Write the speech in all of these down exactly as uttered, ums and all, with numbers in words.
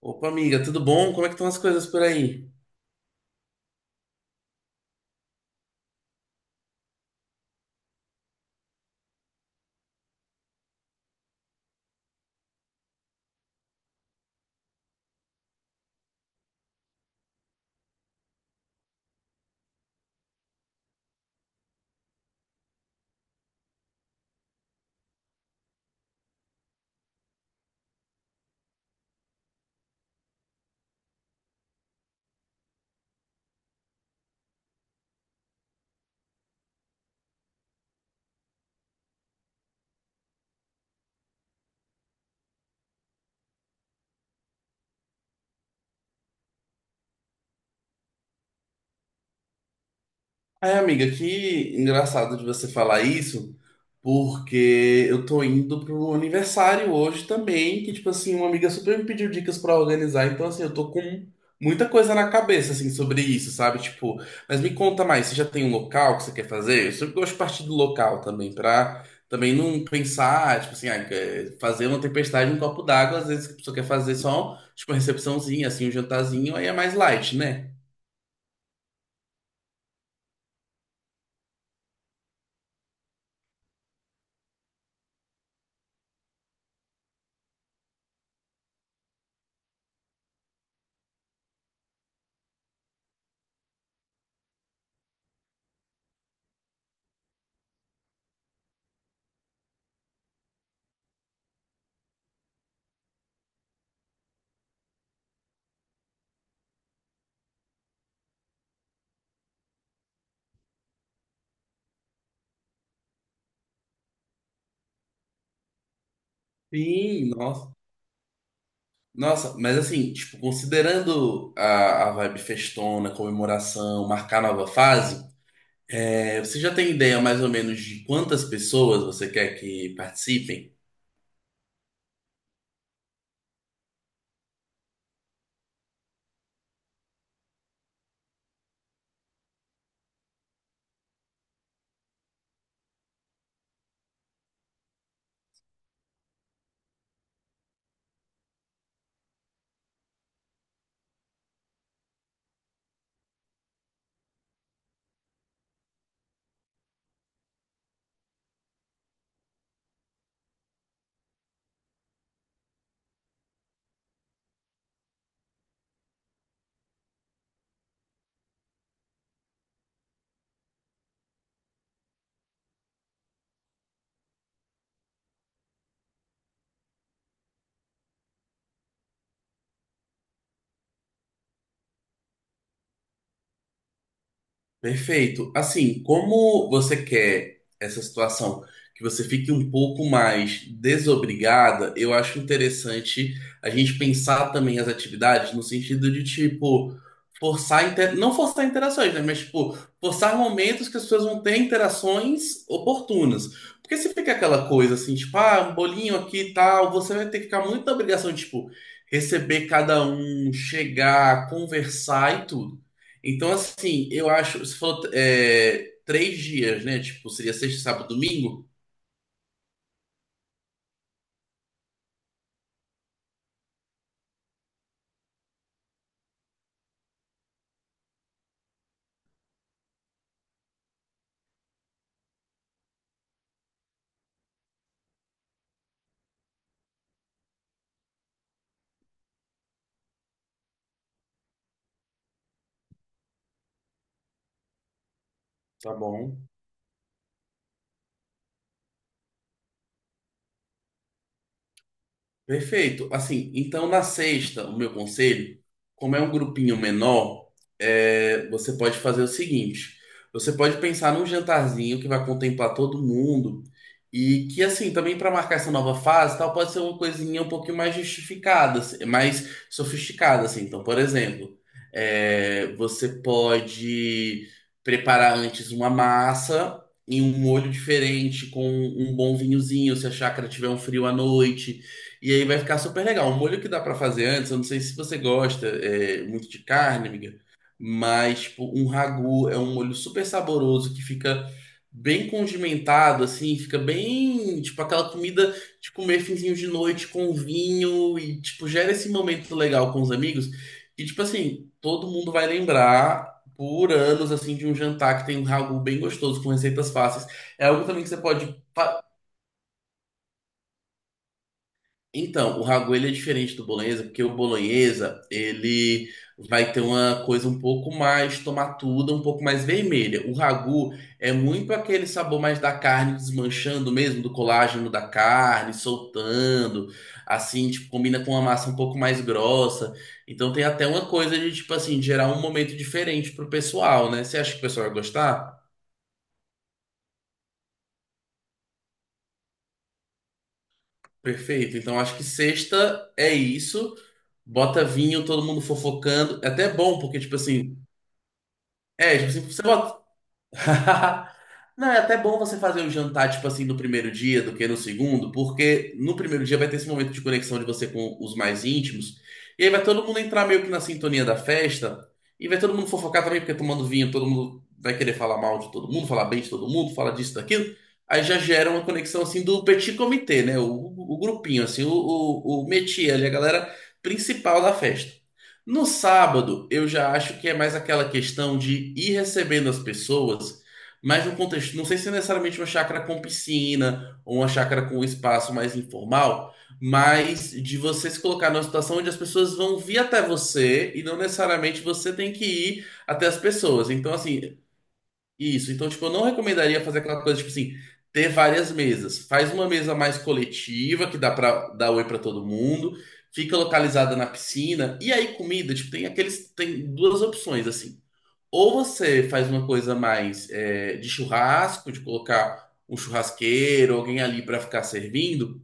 Opa, amiga, tudo bom? Como é que estão as coisas por aí? Ai, amiga, que engraçado de você falar isso, porque eu tô indo pro aniversário hoje também, que, tipo assim, uma amiga super me pediu dicas pra organizar, então, assim, eu tô com muita coisa na cabeça, assim, sobre isso, sabe? Tipo, mas me conta mais, você já tem um local que você quer fazer? Eu sempre gosto de partir do local também, pra também não pensar, tipo assim, ah, é, fazer uma tempestade em um copo d'água, às vezes a pessoa quer fazer só, tipo, uma recepçãozinha, assim, um jantarzinho, aí é mais light, né? Sim, nossa. Nossa, mas assim, tipo, considerando a, a vibe festona, comemoração, marcar nova fase, é, você já tem ideia mais ou menos de quantas pessoas você quer que participem? Perfeito. Assim, como você quer essa situação que você fique um pouco mais desobrigada, eu acho interessante a gente pensar também as atividades no sentido de, tipo, forçar, inter... não forçar interações, né? Mas, tipo, forçar momentos que as pessoas vão ter interações oportunas. Porque se fica aquela coisa assim, tipo, ah, um bolinho aqui e tal, você vai ter que ficar muito na obrigação, de, tipo, receber cada um, chegar, conversar e tudo. Então, assim, eu acho. Você falou é, três dias, né? Tipo, seria sexta, sábado, domingo? Tá bom. Perfeito. Assim, então na sexta, o meu conselho, como é um grupinho menor, é, você pode fazer o seguinte: você pode pensar num jantarzinho que vai contemplar todo mundo e que, assim, também para marcar essa nova fase, e tal, pode ser uma coisinha um pouquinho mais justificada, assim, mais sofisticada, assim. Então, por exemplo, é, você pode preparar antes uma massa. Em um molho diferente, com um bom vinhozinho, se a chácara tiver um frio à noite. E aí vai ficar super legal. Um molho que dá pra fazer antes, eu não sei se você gosta é, muito de carne, amiga, mas tipo, um ragu é um molho super saboroso que fica bem condimentado, assim, fica bem, tipo, aquela comida de comer finzinho de noite com vinho e, tipo, gera esse momento legal com os amigos. E, tipo assim, todo mundo vai lembrar por anos, assim, de um jantar que tem um ragu bem gostoso, com receitas fáceis. É algo também que você pode. Então, o ragu ele é diferente do bolonhesa, porque o bolonhesa ele vai ter uma coisa um pouco mais tomatuda, um pouco mais vermelha. O ragu é muito aquele sabor mais da carne desmanchando mesmo, do colágeno da carne, soltando, assim, tipo, combina com uma massa um pouco mais grossa. Então tem até uma coisa de, tipo assim, gerar um momento diferente pro pessoal, né? Você acha que o pessoal vai gostar? Perfeito. Então acho que sexta é isso. Bota vinho, todo mundo fofocando. É até bom, porque, tipo assim, é, tipo, se você botar não, é até bom você fazer o jantar, tipo assim, no primeiro dia do que no segundo, porque no primeiro dia vai ter esse momento de conexão de você com os mais íntimos, e aí vai todo mundo entrar meio que na sintonia da festa, e vai todo mundo fofocar também, porque tomando vinho todo mundo vai querer falar mal de todo mundo, falar bem de todo mundo, falar disso, daquilo, aí já gera uma conexão assim do petit comité, né? O, o grupinho, assim, o, o, o métier ali, a galera principal da festa. No sábado, eu já acho que é mais aquela questão de ir recebendo as pessoas. Mas no contexto, não sei se é necessariamente uma chácara com piscina ou uma chácara com espaço mais informal, mas de você se colocar numa situação onde as pessoas vão vir até você e não necessariamente você tem que ir até as pessoas. Então, assim, isso. Então, tipo, eu não recomendaria fazer aquela coisa, tipo assim, ter várias mesas. Faz uma mesa mais coletiva, que dá pra dar oi pra todo mundo, fica localizada na piscina, e aí comida, tipo, tem aqueles, tem duas opções, assim. Ou você faz uma coisa mais é, de churrasco, de colocar um churrasqueiro, alguém ali para ficar servindo,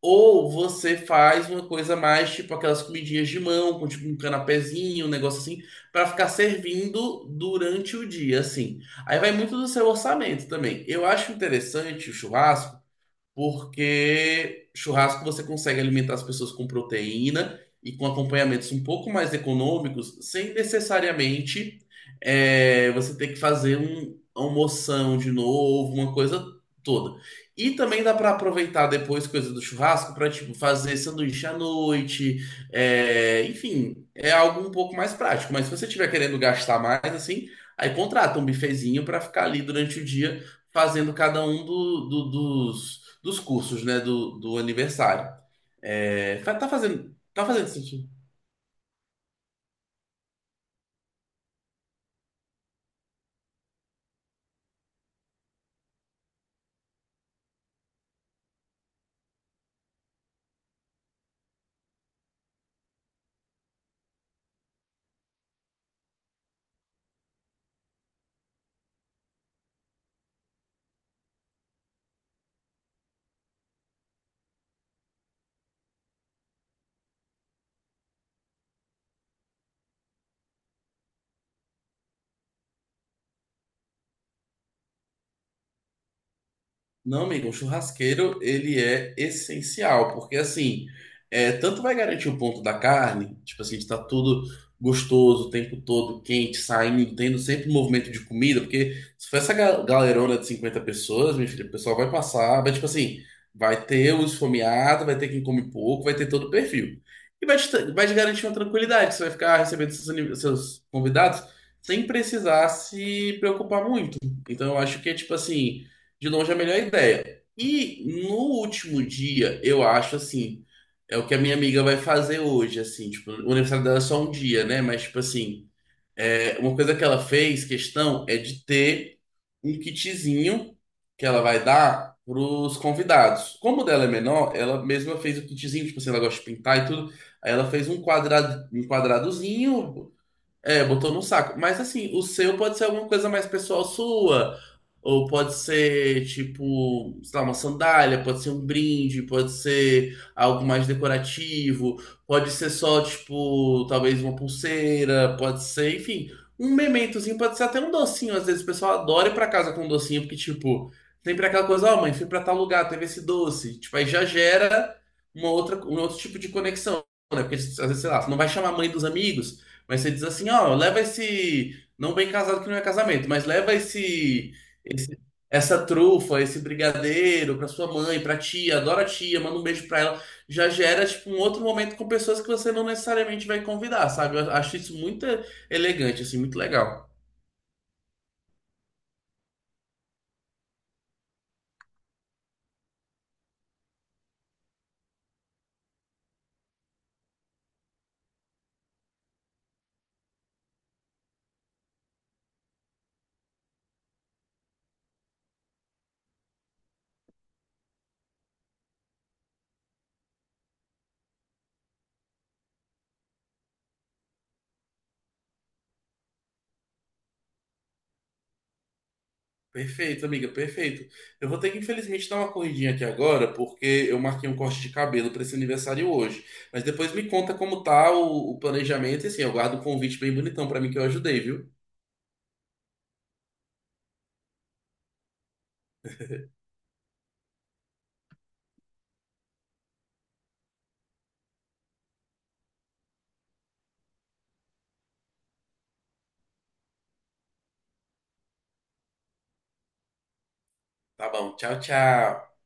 ou você faz uma coisa mais tipo aquelas comidinhas de mão, com tipo um canapézinho, um negócio assim, para ficar servindo durante o dia, assim. Aí vai muito do seu orçamento também. Eu acho interessante o churrasco porque churrasco você consegue alimentar as pessoas com proteína e com acompanhamentos um pouco mais econômicos, sem necessariamente é, você ter que fazer um, uma moção de novo, uma coisa toda. E também dá para aproveitar depois coisa do churrasco para tipo fazer sanduíche à noite, é, enfim, é algo um pouco mais prático. Mas se você estiver querendo gastar mais assim, aí contrata um bifezinho para ficar ali durante o dia fazendo cada um do- do- dos dos cursos, né, do, do aniversário. É, fa- tá fazendo, tá fazendo sentido. Não, amigo, o churrasqueiro ele é essencial, porque assim, é, tanto vai garantir o ponto da carne, tipo assim, de estar tudo gostoso o tempo todo, quente, saindo, tendo sempre movimento de comida, porque se for essa ga- galerona de cinquenta pessoas, minha filha, o pessoal vai passar, vai tipo assim, vai ter os esfomeado, vai ter quem come pouco, vai ter todo o perfil. E vai te, vai te garantir uma tranquilidade, você vai ficar recebendo seus, ani- seus convidados sem precisar se preocupar muito. Então eu acho que é tipo assim. De longe é a melhor ideia. E no último dia, eu acho assim, é o que a minha amiga vai fazer hoje, assim, tipo, o aniversário dela é só um dia, né? Mas, tipo assim, é, uma coisa que ela fez, questão, é de ter um kitzinho que ela vai dar pros convidados. Como o dela é menor, ela mesma fez o kitzinho, tipo assim, ela gosta de pintar e tudo. Aí ela fez um quadrado, um quadradozinho, é, botou no saco. Mas assim, o seu pode ser alguma coisa mais pessoal sua. Ou pode ser, tipo, sei lá, uma sandália, pode ser um brinde, pode ser algo mais decorativo, pode ser só, tipo, talvez uma pulseira, pode ser, enfim, um mementozinho, pode ser até um docinho. Às vezes o pessoal adora ir pra casa com um docinho, porque, tipo, sempre aquela coisa, ó, mãe, fui pra tal lugar, teve esse doce. Tipo, aí já gera uma outra, um outro tipo de conexão, né? Porque às vezes, sei lá, você não vai chamar a mãe dos amigos. Mas você diz assim, ó, leva esse. Não bem casado que não é casamento, mas leva esse, esse- essa trufa, esse brigadeiro pra sua mãe, pra tia, adora a tia, manda um beijo pra ela. Já gera, tipo, um outro momento com pessoas que você não necessariamente vai convidar, sabe? Eu acho isso muito elegante, assim, muito legal. Perfeito, amiga, perfeito. Eu vou ter que, infelizmente, dar uma corridinha aqui agora, porque eu marquei um corte de cabelo para esse aniversário hoje. Mas depois me conta como tá o, o planejamento, e assim, eu guardo o convite bem bonitão para mim que eu ajudei, viu? Tá bom, tchau, tchau.